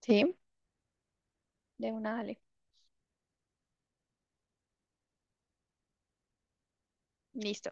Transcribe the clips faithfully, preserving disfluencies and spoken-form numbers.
Sí, de una, dale. Listo,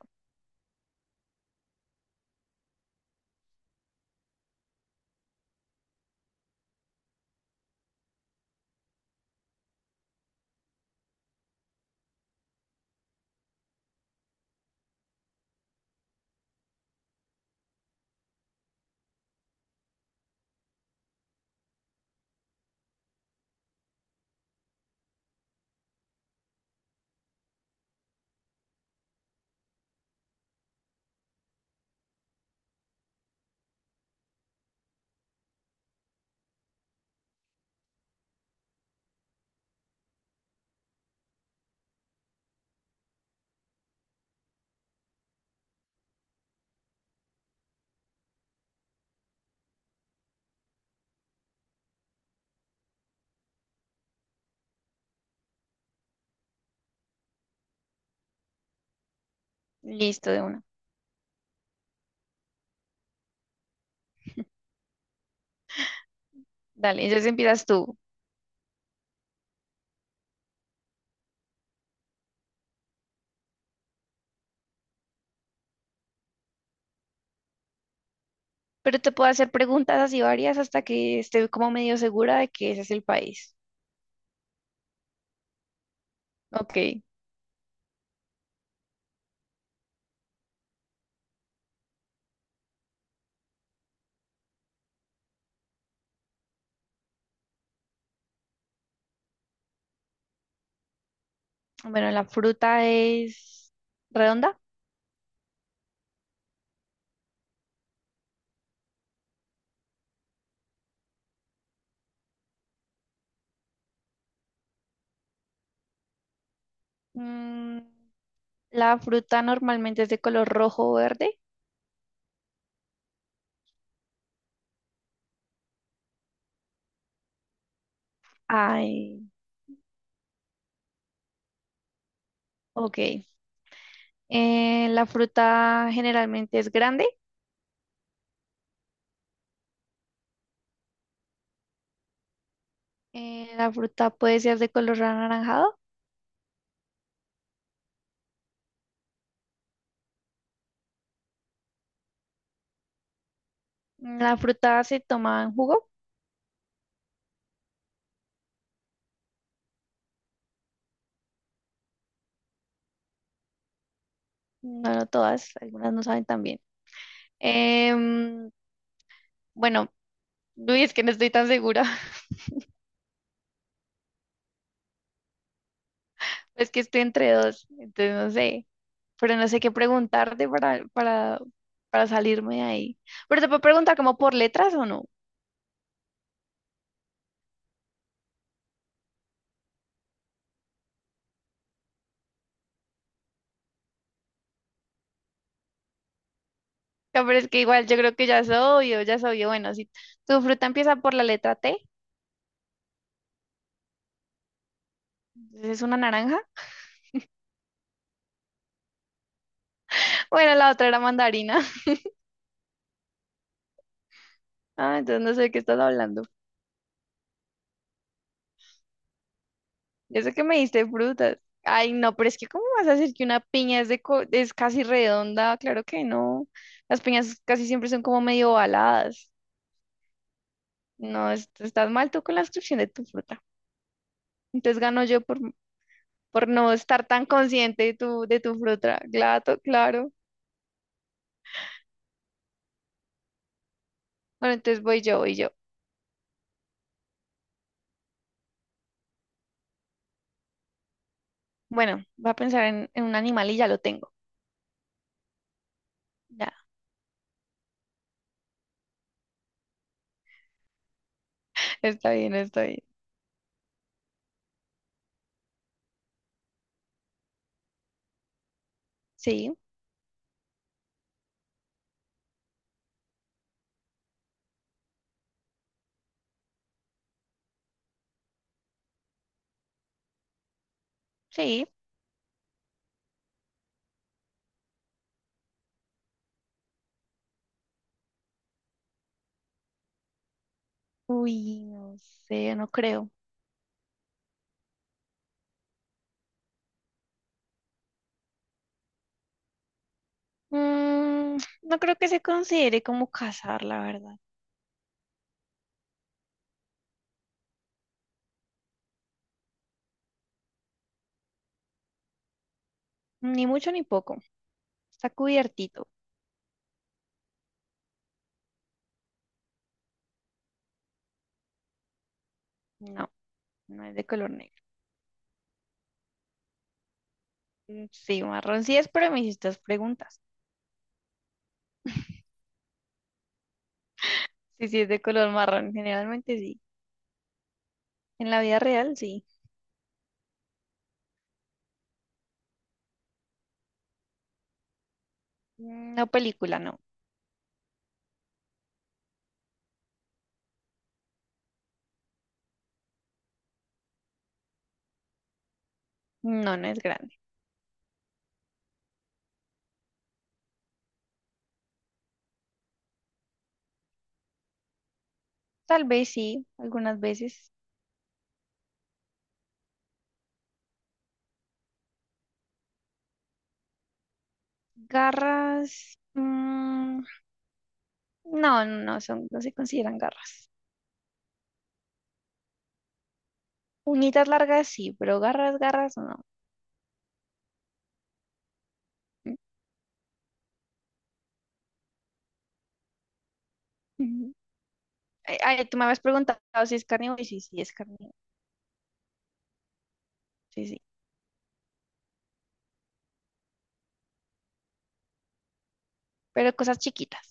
listo, de una. Dale, entonces empiezas tú. Pero te puedo hacer preguntas así varias hasta que esté como medio segura de que ese es el país. Ok, bueno, la fruta es redonda. Mm, la fruta normalmente es de color rojo o verde. Ay, ok. Eh, la fruta generalmente es grande. Eh, la fruta puede ser de color anaranjado. Mm, la fruta se toma en jugo. No, no todas, algunas no saben tan bien. Em, bueno, uy, es que no estoy tan segura. Es que estoy entre dos, entonces no sé. Pero no sé qué preguntarte para, para, para salirme de ahí. Pero te puedo preguntar como por letras o no. O sea, pero es que igual yo creo que ya soy yo, ya soy yo. Bueno, si tu fruta empieza por la letra T, entonces es una naranja. Bueno, la otra era mandarina. Ah, entonces no sé de qué estás hablando. Yo sé que me diste frutas. Ay, no, pero es que ¿cómo vas a decir que una piña es, de co- es casi redonda? Claro que no. Las piñas casi siempre son como medio ovaladas. No, es- estás mal tú con la descripción de tu fruta. Entonces gano yo por, por no estar tan consciente de tu, de tu fruta. Claro, claro. Bueno, entonces voy yo, voy yo. Bueno, voy a pensar en, en un animal y ya lo tengo. Ya, está bien, está bien. Sí, sí. Uy, no sé, no creo. Mm, no creo que se considere como cazar, la verdad. Ni mucho ni poco. Está cubiertito. No, no es de color negro. Mm, sí, marrón sí es, pero me hiciste dos preguntas. Sí, sí es de color marrón. Generalmente sí. En la vida real sí. Mm, no película, no. No, no es grande. Tal vez sí, algunas veces. Garras. Mm, no, no, no son, no se consideran garras. Uñitas largas sí, pero garras, garras no. Ay, ay, tú me habías preguntado si es carnívoro y sí, sí, es carnívoro. Sí, sí. Pero cosas chiquitas.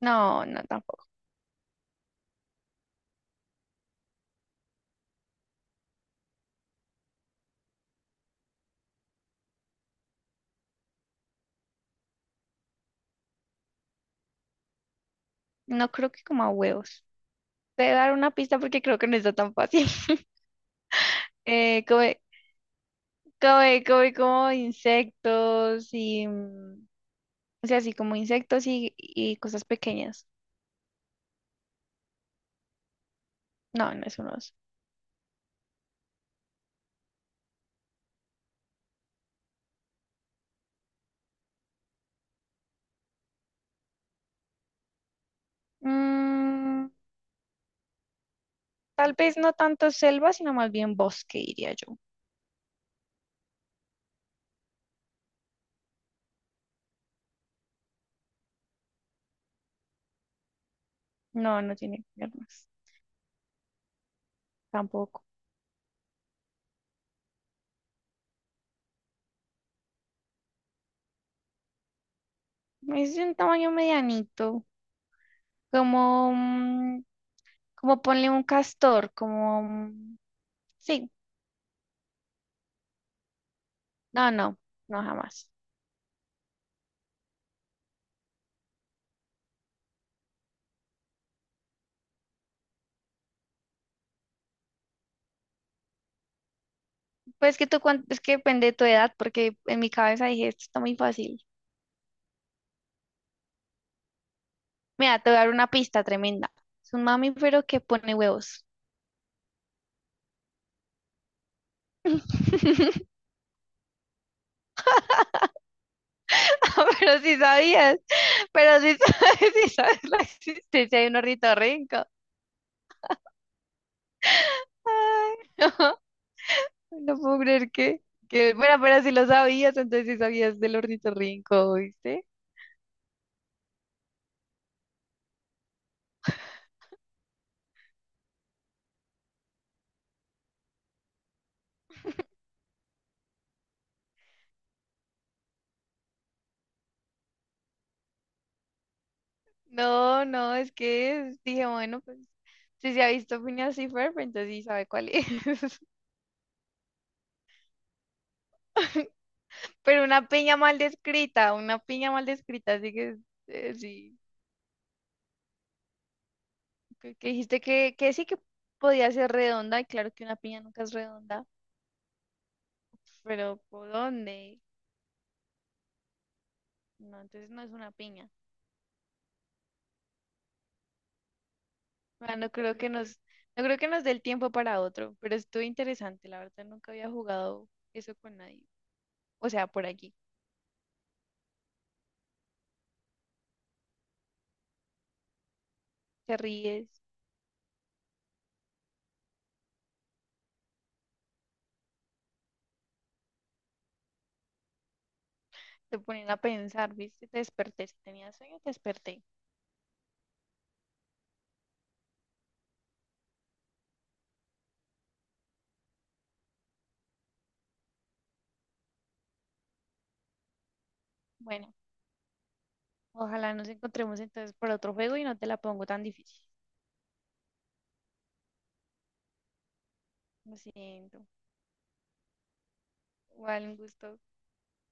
No, no, tampoco. No creo que coma huevos. Te voy a dar una pista porque creo que no está tan fácil. Eh, come, come, Come como insectos y... mm, o sea, así como insectos y, y cosas pequeñas. No, no es un oso. Mm, Tal vez no tanto selva, sino más bien bosque, diría yo. No, no tiene piernas. Tampoco. Es de un tamaño medianito. Como... mm, Como ponle un castor, como... un- Sí, no, no, no jamás. Pues que tú, cuan- es que depende de tu edad, porque en mi cabeza dije, esto está muy fácil. Mira, te voy a dar una pista tremenda. Es un mamífero que pone huevos. No, pero sí sabías, pero sí sabes, sí sabes la existencia de un ornitorrinco. Ay, no, no puedo creer que, que, bueno, pero si lo sabías, entonces sí sabías del ornitorrinco, ¿viste? No, no, es que dije, bueno, pues si se ha visto piña así Ferb, entonces sí sabe cuál es. Pero una piña mal descrita, una piña mal descrita, así que eh, sí, que, que dijiste que, que sí que podía ser redonda, y claro que una piña nunca es redonda, pero ¿por dónde? No, entonces no es una piña. Ah, no creo que nos, no creo que nos dé el tiempo para otro, pero estuvo interesante, la verdad nunca había jugado eso con nadie. O sea, por aquí. ¿Te ríes? Te ponen a pensar, ¿viste? Te desperté, si tenías sueño, te desperté. Bueno, ojalá nos encontremos entonces por otro juego y no te la pongo tan difícil. Lo siento. Igual un gusto.